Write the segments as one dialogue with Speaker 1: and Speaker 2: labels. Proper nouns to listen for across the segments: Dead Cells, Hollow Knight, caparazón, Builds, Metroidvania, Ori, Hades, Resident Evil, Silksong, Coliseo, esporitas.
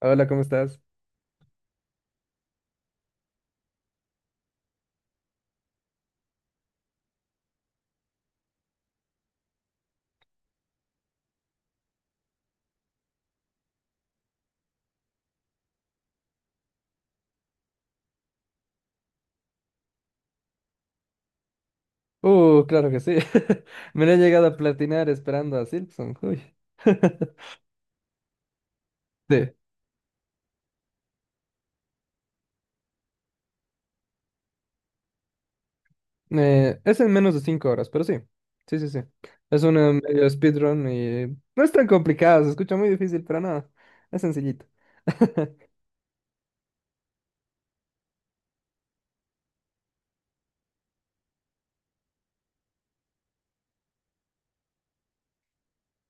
Speaker 1: Hola, ¿cómo estás? Claro que sí. Me lo he llegado a platinar esperando a Silksong. Uy. Sí. Es en menos de 5 horas, pero sí. Sí, sí, sí. Es una medio speedrun y no es tan complicado, se escucha muy difícil, pero no. Es sencillito.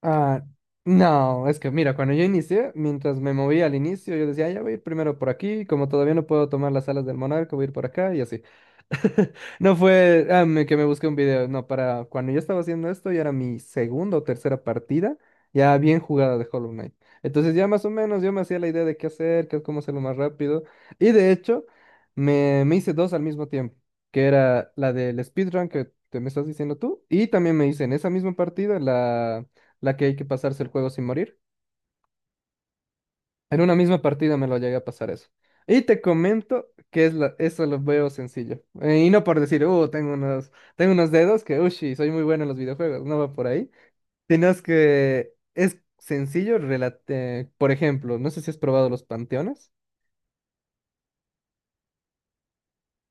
Speaker 1: Ah, no, es que mira, cuando yo inicié, mientras me movía al inicio, yo decía, "Ah, ya voy a ir primero por aquí, como todavía no puedo tomar las alas del monarca, voy a ir por acá y así." No fue que me busqué un video, no, para cuando yo estaba haciendo esto, ya era mi segunda o tercera partida, ya bien jugada de Hollow Knight. Entonces ya más o menos yo me hacía la idea de qué hacer, qué, cómo hacerlo más rápido. Y de hecho, me hice dos al mismo tiempo, que era la del speedrun que te me estás diciendo tú, y también me hice en esa misma partida la que hay que pasarse el juego sin morir. En una misma partida me lo llegué a pasar eso. Y te comento que es la, eso lo veo sencillo. Y no por decir, tengo unos dedos que, ushi, soy muy bueno en los videojuegos, no va por ahí. Sino es que es sencillo, por ejemplo, no sé si has probado los panteones.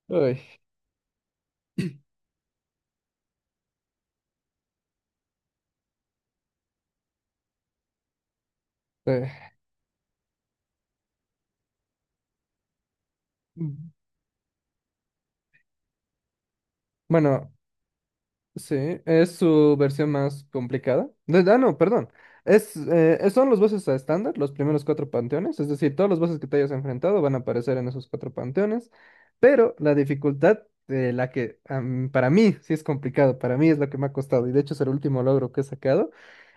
Speaker 1: Uy, eh, mm, bueno, sí, es su versión más complicada. Ah, no, perdón. Es, son los bosses a estándar, los primeros cuatro panteones. Es decir, todos los bosses que te hayas enfrentado van a aparecer en esos cuatro panteones. Pero la dificultad de la que para mí sí es complicado, para mí es lo que me ha costado. Y de hecho es el último logro que he sacado,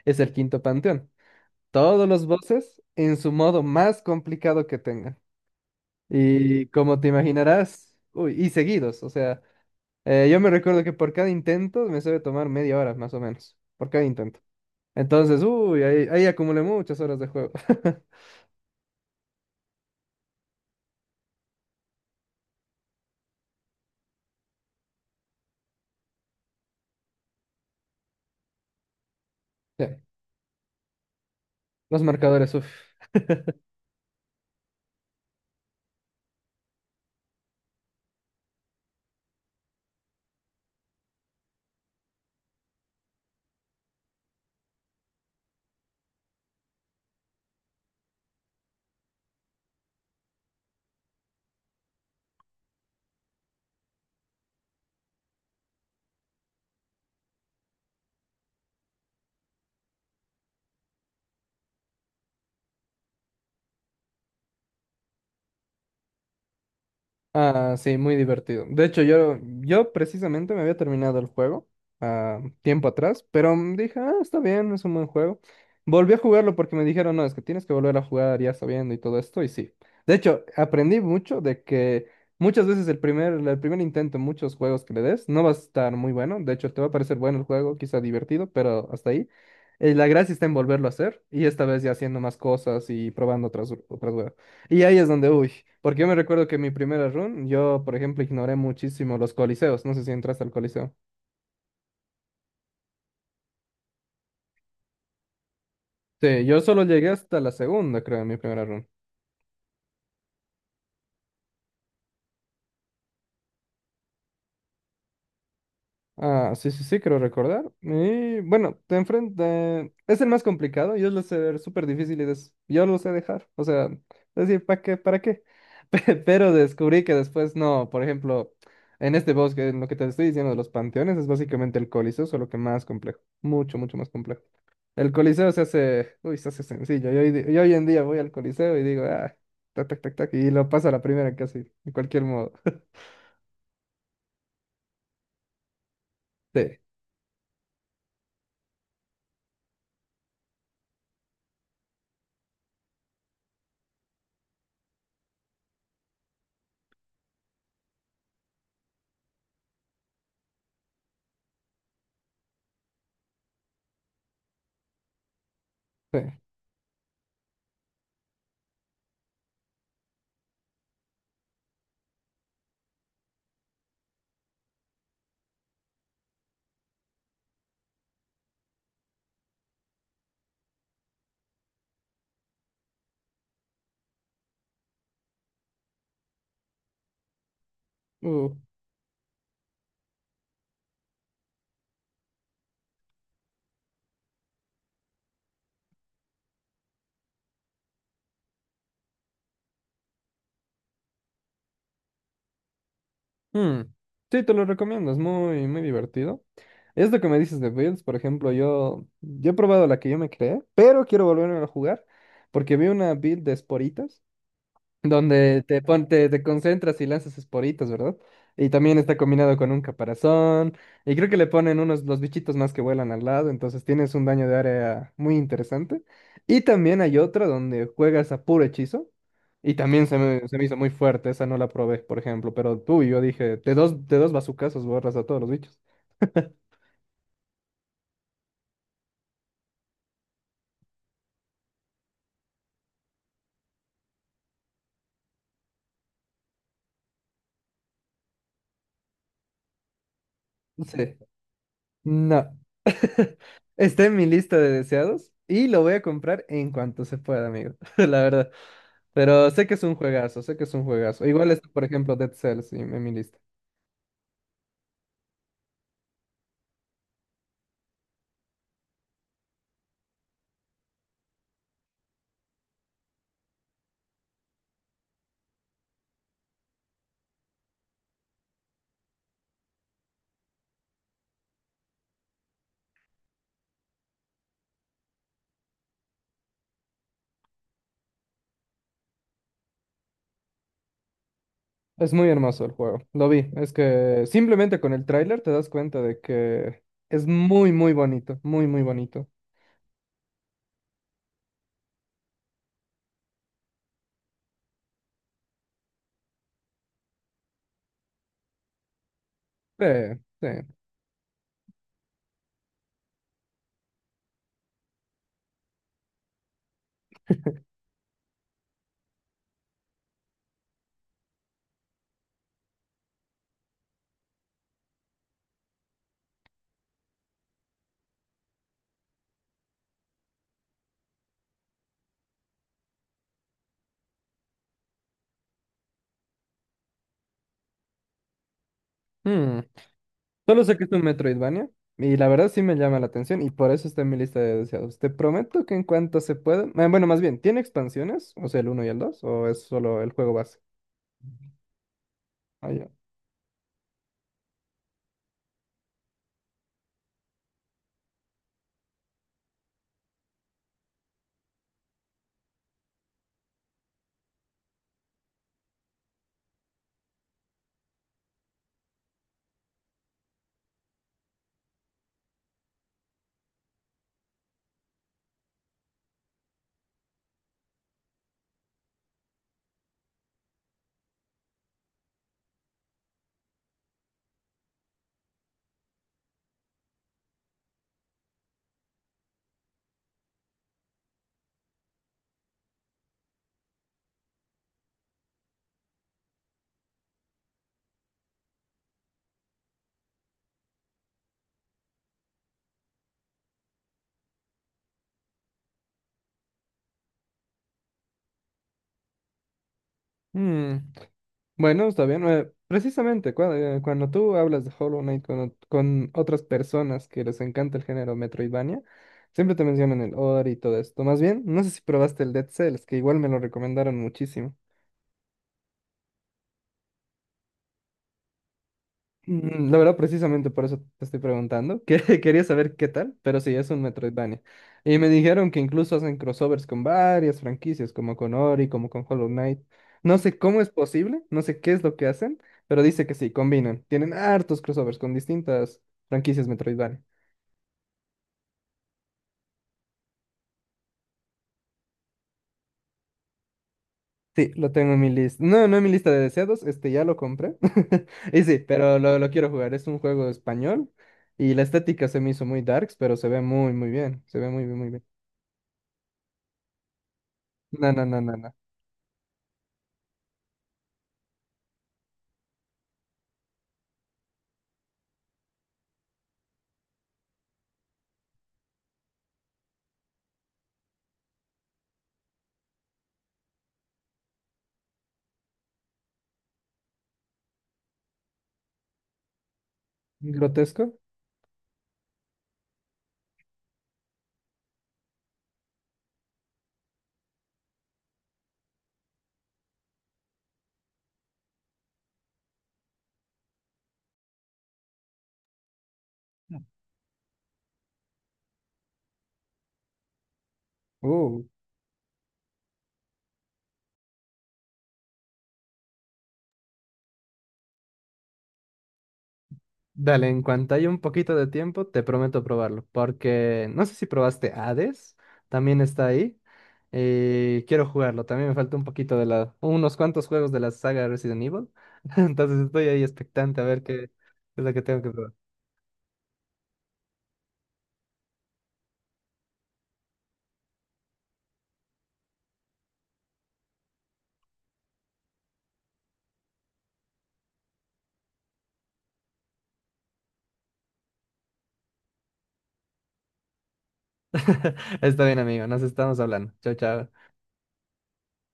Speaker 1: es el quinto panteón. Todos los bosses en su modo más complicado que tengan. Y como te imaginarás, uy, y seguidos, o sea. Yo me recuerdo que por cada intento me suele tomar media hora, más o menos, por cada intento. Entonces, uy, ahí acumulé muchas horas de juego. Sí, los marcadores, uff. Ah, sí, muy divertido. De hecho, yo precisamente me había terminado el juego ah, tiempo atrás, pero mm, dije, ah, está bien, es un buen juego. Volví a jugarlo porque me dijeron, no, es que tienes que volver a jugar ya sabiendo y todo esto, y sí. De hecho, aprendí mucho de que muchas veces el primer intento en muchos juegos que le des no va a estar muy bueno. De hecho, te va a parecer bueno el juego, quizá divertido, pero hasta ahí. La gracia está en volverlo a hacer, y esta vez ya haciendo más cosas y probando otras y ahí es donde, uy, porque yo me recuerdo que en mi primera run, yo, por ejemplo, ignoré muchísimo los coliseos, no sé si entraste al coliseo. Sí, yo solo llegué hasta la segunda, creo, en mi primera run. Ah, sí, sí, sí, creo recordar. Y bueno, te enfrenta. Es el más complicado. Yo lo sé ver súper difícil y yo lo sé dejar. O sea, decir, ¿para qué? ¿Para qué? Pero descubrí que después no. Por ejemplo, en este bosque, en lo que te estoy diciendo de los panteones, es básicamente el Coliseo, solo que más complejo. Mucho, mucho más complejo. El Coliseo se hace. Uy, se hace sencillo. Yo hoy, yo hoy en día voy al Coliseo y digo, ah, tac, tac, tac, tac, y lo paso a la primera casi, de cualquier modo. Sí, sí. Uh. Mm, sí, te lo recomiendo, es muy, muy divertido. Es lo que me dices de Builds, por ejemplo, yo he probado la que yo me creé, pero quiero volverme a jugar porque vi una build de esporitas donde te concentras y lanzas esporitas, ¿verdad? Y también está combinado con un caparazón, y creo que le ponen unos los bichitos más que vuelan al lado, entonces tienes un daño de área muy interesante. Y también hay otro donde juegas a puro hechizo, y también se me hizo muy fuerte, esa no la probé, por ejemplo, pero tú y yo dije, de dos bazucazos borras a todos los bichos. Sí. No, está en mi lista de deseados, y lo voy a comprar en cuanto se pueda, amigo, la verdad. Pero sé que es un juegazo, sé que es un juegazo. Igual está, por ejemplo, Dead Cells en mi lista. Es muy hermoso el juego. Lo vi. Es que simplemente con el tráiler te das cuenta de que es muy, muy bonito. Muy, muy bonito. Sí, sí. Hmm. Solo sé que es un Metroidvania. Y la verdad sí me llama la atención. Y por eso está en mi lista de deseados. Te prometo que en cuanto se pueda. Bueno, más bien, ¿tiene expansiones? O sea, ¿el uno y el 2 o es solo el juego base? Ah, ya. Hmm. Bueno, está bien. Precisamente cuando tú hablas de Hollow Knight con, con otras personas que les encanta el género Metroidvania, siempre te mencionan el Ori y todo esto. Más bien, no sé si probaste el Dead Cells, que igual me lo recomendaron muchísimo. Mm, la verdad, precisamente por eso te estoy preguntando, que quería saber qué tal, pero sí, es un Metroidvania. Y me dijeron que incluso hacen crossovers con varias franquicias, como con Ori, como con Hollow Knight. No sé cómo es posible, no sé qué es lo que hacen, pero dice que sí, combinan. Tienen hartos crossovers con distintas franquicias Metroidvania. Sí, lo tengo en mi lista. No, no en mi lista de deseados, este ya lo compré. Y sí, pero lo quiero jugar. Es un juego español y la estética se me hizo muy darks, pero se ve muy, muy bien. Se ve muy, bien, muy bien. No, no, no, no, no. ¿Grotesco? Uh, dale, en cuanto haya un poquito de tiempo, te prometo probarlo, porque no sé si probaste Hades, también está ahí, y quiero jugarlo, también me falta un poquito de la, unos cuantos juegos de la saga Resident Evil, entonces estoy ahí expectante a ver qué es lo que tengo que probar. Está bien, amigo, nos estamos hablando. Chao, chao.